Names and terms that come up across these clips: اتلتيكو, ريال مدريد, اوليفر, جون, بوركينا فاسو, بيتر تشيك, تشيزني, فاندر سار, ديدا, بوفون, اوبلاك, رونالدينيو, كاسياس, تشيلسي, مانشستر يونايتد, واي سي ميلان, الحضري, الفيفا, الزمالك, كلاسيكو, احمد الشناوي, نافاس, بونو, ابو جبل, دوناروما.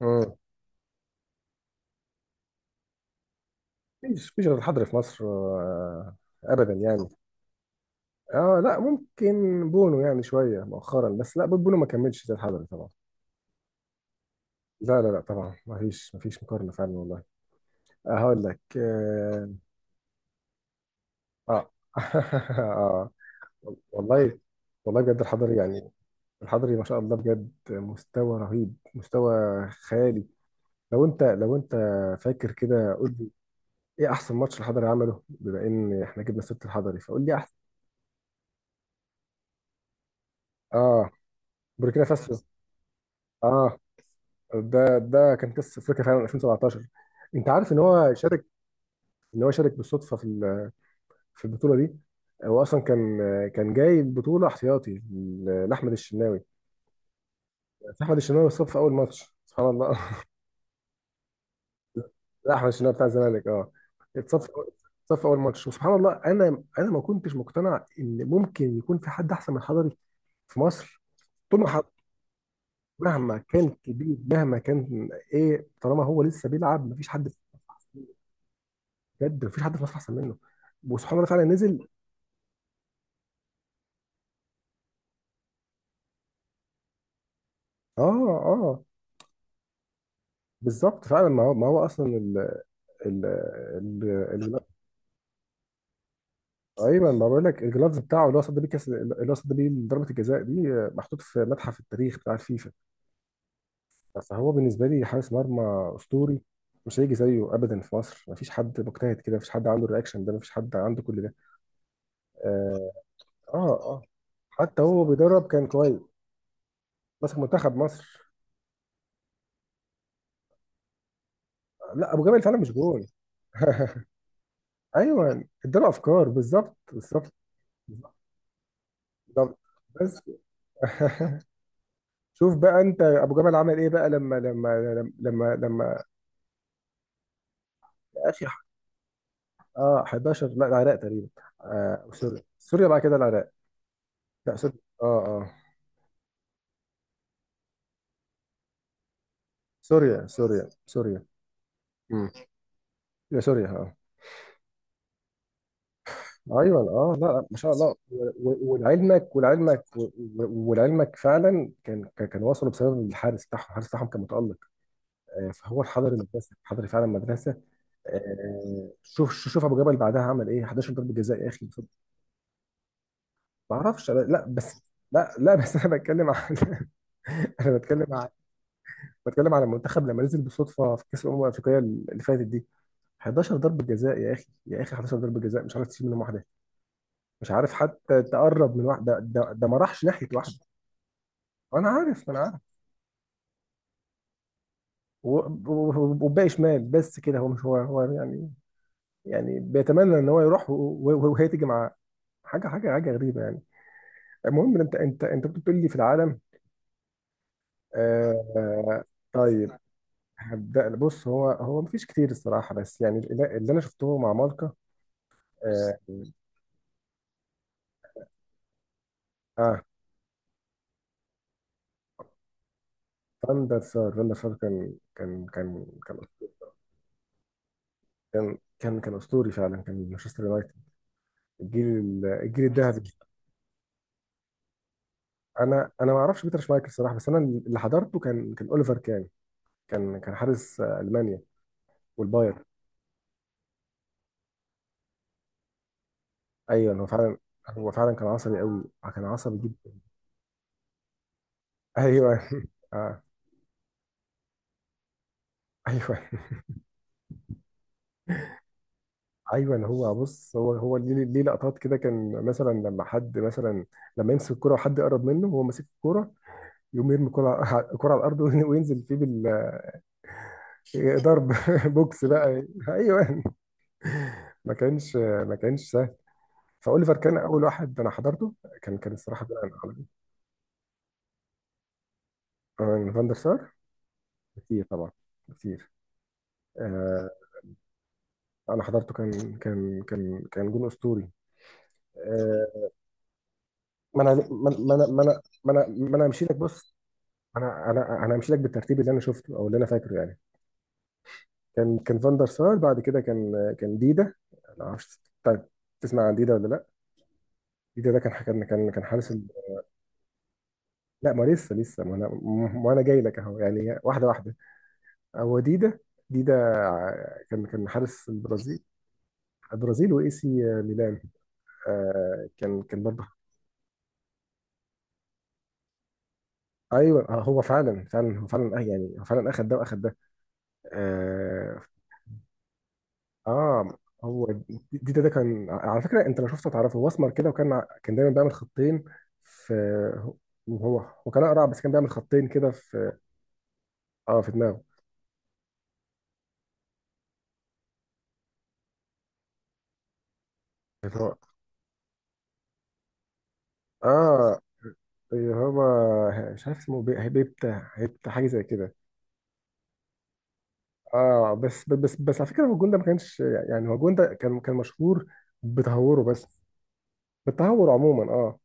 مم. مفيش غير الحضري في مصر آه، ابدا يعني. اه، لا ممكن بونو يعني شويه مؤخرا، بس لا، بونو ما كملش زي الحضري طبعا. لا لا لا طبعا، مفيش مقارنه فعلا والله. آه، هقول لك اه. آه. آه. والله، والله بجد الحضري يعني الحضري ما شاء الله بجد، مستوى رهيب، مستوى خيالي. لو انت فاكر كده قول لي ايه احسن ماتش الحضري عمله، بما ان احنا جبنا ست الحضري فقول لي احسن. اه، بوركينا فاسو. اه، ده كان قصه افريقيا فعلا 2017. انت عارف ان هو شارك، ان هو شارك بالصدفه في في البطوله دي. هو اصلا كان كان جاي البطوله احتياطي لاحمد الشناوي. احمد الشناوي اتصاب في اول ماتش سبحان الله. لا، احمد الشناوي بتاع الزمالك اه. اتصاب في، اتصاب في اول ماتش، وسبحان الله انا ما كنتش مقتنع ان ممكن يكون في حد احسن من حضري في مصر. طول ما حضري، مهما كان كبير مهما كان، ايه طالما هو لسه بيلعب مفيش حد. بجد مفيش حد في مصر احسن منه. وسبحان الله فعلا نزل. اه اه. بالظبط فعلا، ما هو، ما هو اصلا ال، ال، ال، ال- ايوه ما بقول لك، الجلافز بتاعه اللي هو صد بيه كاس، اللي هو صد بيه ضربه الجزاء دي، آه، محطوط في متحف التاريخ بتاع الفيفا. فهو بالنسبه لي حارس مرمى اسطوري. مش هيجي زيه ابدا في مصر، مفيش حد مجتهد كده، مفيش حد عنده الرياكشن ده، مفيش حد عنده كل ده. اه. اه آه. حتى هو بيدرب كان كويس، ماسك منتخب مصر. لا، ابو جبل فعلا مش جون. ايوه اداله افكار، بالظبط بالظبط بالظبط. بس شوف بقى انت ابو جمل عمل ايه بقى، لما يا اخي. اه 11، لا العراق تقريبا. آه، سوريا سوريا بعد كده العراق. لا، سوريا اه اه. سوريا سوريا سوريا. امم يا سوريا اه. ايوه اه، لا لا، ما شاء الله ولعلمك، ولعلمك ولعلمك فعلا كان، كان كان وصلوا بسبب الحارس بتاعهم، الحارس بتاعهم كان متالق. آه، فهو الحضري مدرسه، الحضري فعلا مدرسه. آه، شوف شوف ابو جبل بعدها عمل ايه. 11 ضربه جزاء يا اخي. ما اعرفش لا بس، لا لا بس انا بتكلم عن، انا بتكلم عن، بتكلم على المنتخب لما نزل بالصدفه في كاس الامم الافريقيه اللي فاتت دي. 11 ضربه جزاء يا اخي، يا اخي 11 ضربه جزاء مش عارف تشيل منهم واحده، مش عارف حتى تقرب من واحده، ده, ده ما راحش ناحيه واحده. انا عارف. و- وباقي شمال، بس كده هو مش، هو هو يعني، يعني بيتمنى ان هو يروح وهي تيجي معاه. حاجه غريبه يعني. المهم، انت كنت بتقول لي في العالم. آه آه، طيب، هبدأ. بص، هو هو مفيش كتير الصراحة، بس يعني اللي انا شفته مع مالكا. اه, آه. فاندر سار، فاندر سار كان، كان اسطوري فعلا، كان مانشستر يونايتد، الجيل الجيل الذهبي. انا ما اعرفش بيتر شمايكل الصراحة، بس انا اللي حضرته كان كان اوليفر كان، كان كان حارس آه، المانيا والبايرن. ايوه هو فعلا. هو فعلا كان عصبي قوي، كان عصبي جدا. ايوه آه. ايوه. ايوه هو بص، هو هو ليه ليه لقطات كده، كان مثلا لما حد مثلا، لما يمسك الكرة وحد يقرب منه وهو ماسك الكرة، يقوم يرمي الكرة على الكرة على الارض وينزل فيه بال ضرب بوكس بقى. ايوه. ما كانش سهل. فاوليفر كان اول واحد انا حضرته، كان كان الصراحه بقى. عن فاندر سار، كتير طبعا، كتير. آه، انا حضرته كان، كان جون اسطوري. آه. ما انا، ما انا، ما انا، ما انا مشيتك. بص، انا همشي لك بالترتيب اللي انا شفته او اللي انا فاكره يعني. كان كان فاندر سار، بعد كده كان، كان ديدا. انا عارف. طيب، تسمع عن ديدا ولا لا؟ ديدا ده كان، كان حارس ال... لا ما لسه لسه، ما انا، ما انا جاي لك اهو يعني واحده واحده. هو ديدا، ديدا كان، كان حارس البرازيل، البرازيل واي سي ميلان. آه، كان كان برضه. ايوه آه، هو فعلا فعلا، هو فعلا آه يعني، هو فعلا اخد ده واخد ده. آه، اه. هو دي، ده, ده كان على فكره، انت لو شفته تعرفه، هو اسمر كده وكان كان دايما بيعمل خطين في، هو هو كان اقرع بس كان بيعمل خطين كده في، اه، في دماغه. اللي هو اه، اللي هو مش عارف اسمه، بيبتا، هيبتا حاجه زي كده. اه، بس على فكره هو الجون ده ما كانش، يعني هو الجون ده كان كان مشهور بتهوره بس، بالتهور عموما اه.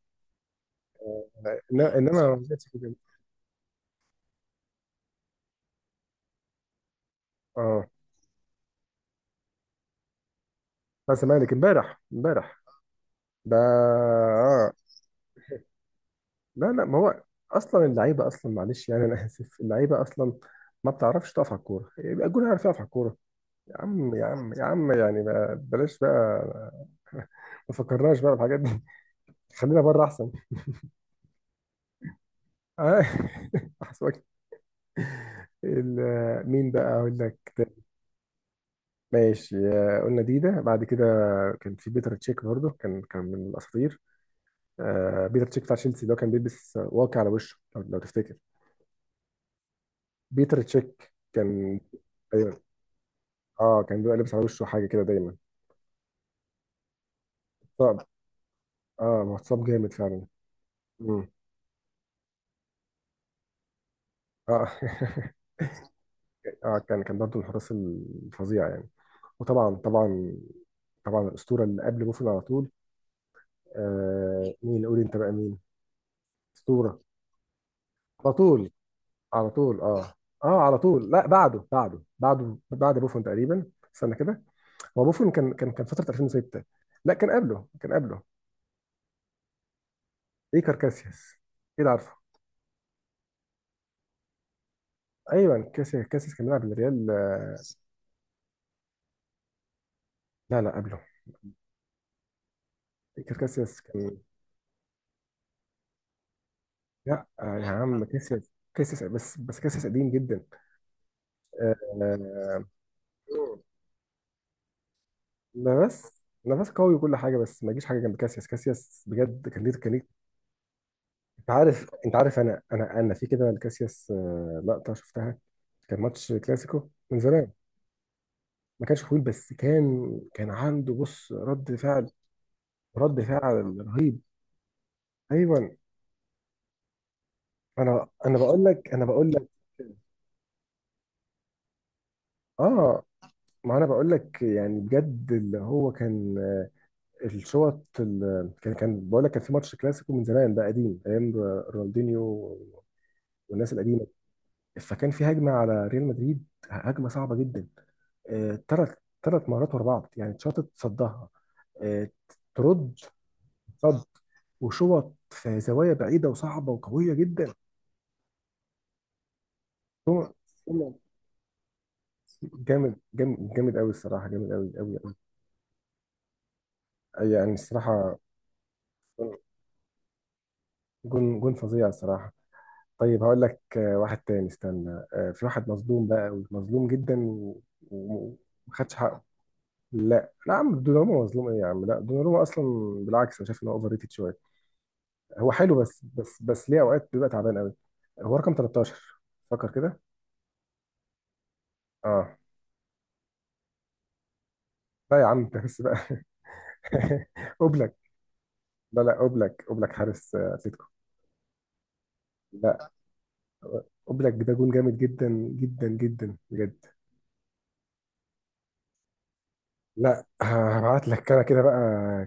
انما ما كانش كده. اه بس مالك امبارح امبارح ده آه. لا لا، ما هو اصلا اللعيبه اصلا، معلش يعني انا اسف، اللعيبه اصلا ما بتعرفش تقف على الكوره، يبقى الجون عارف يقف على الكوره؟ يا عم يعني، ما بلاش بقى. ما فكرناش بقى بالحاجات دي، خلينا بره احسن. آه، احسن. مين بقى اقول لك. ماشي، آه، قلنا ديدا. بعد كده كان في بيتر تشيك برضه، كان كان من الاساطير. آه، بيتر تشيك بتاع تشيلسي اللي هو كان بيلبس واقي على وشه، لو تفتكر. بيتر تشيك كان، أيوة. اه كان بيبقى لابس على وشه حاجه كده دايما. صعب. اه متصاب جامد فعلا. امم اه اه كان كان برضه من الحراس الفظيع يعني. وطبعا طبعا طبعا الاسطوره اللي قبل بوفون على طول. آه مين؟ قول انت بقى، مين اسطوره على طول على طول؟ اه اه، على طول. لا بعده، بعده بعد بوفون تقريبا. استنى كده، هو بوفون كان، كان فتره 2006. لا كان قبله، كان قبله. ايكار كاسياس، ايه ده، عارفه. ايوه، كاسياس، كاسياس كان بيلعب الريال. لا لا قبله، كان كاسياس كان. لا آه، يا عم كاسياس، كاسياس بس كاسياس قديم جدا. آه، نافاس، نافاس قوي وكل حاجه، بس ما يجيش حاجه جنب كاسياس. كاسياس بجد كان ليه، كان ليه. انت عارف، انت عارف، انا في كده لكاسياس، آه، لقطه شفتها. كان ماتش كلاسيكو من زمان. ما كانش طويل، بس كان كان عنده، بص، رد فعل. رد فعل رهيب. ايوه. انا بقول لك، انا بقول لك. اه ما انا بقول لك يعني بجد، اللي هو كان آه، الشوط كان، كان بقول لك، كان في ماتش كلاسيكو من زمان بقى، قديم، ايام رونالدينيو والناس القديمه. فكان في هجمه على ريال مدريد، هجمه صعبه جدا. ثلاث ثلاث مرات ورا بعض يعني، اتشاطت، صدها، آه، ترد، صد وشوط في زوايا بعيده وصعبه وقويه جدا. ثم، ثم جامد قوي الصراحه، جامد قوي. يعني الصراحه جون، جون فظيع الصراحه. طيب هقول لك آه، واحد تاني. استنى آه، في واحد مظلوم بقى قوي، مظلوم جدا و- وما خدش حقه. لا لا يا عم، دوناروما مظلوم ايه يا عم؟ لا، دوناروما اصلا بالعكس، انا شايف ان هو اوفر ريتد شويه، هو حلو، بس ليه اوقات بيبقى تعبان قوي. هو رقم 13، فكر كده. اه لا يا عم، انت بس بقى. اوبلاك. لا لا، اوبلاك، اوبلاك حارس آه، اتلتيكو. لا، اوبلاك ده جون جامد جدا، جدا بجد. لا هبعت لك، كده كده بقى،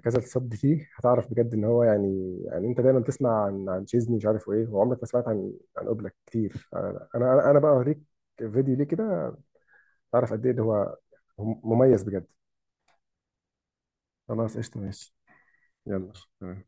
كذا تصدي فيه هتعرف بجد ان هو يعني. يعني انت دايما تسمع عن عن تشيزني مش عارف ايه، وعمرك ما سمعت عن عن اوبلاك كتير. انا بقى اوريك فيديو ليه كده، تعرف قد ايه ده، هو مميز بجد. خلاص، قشطه، ماشي. يلا.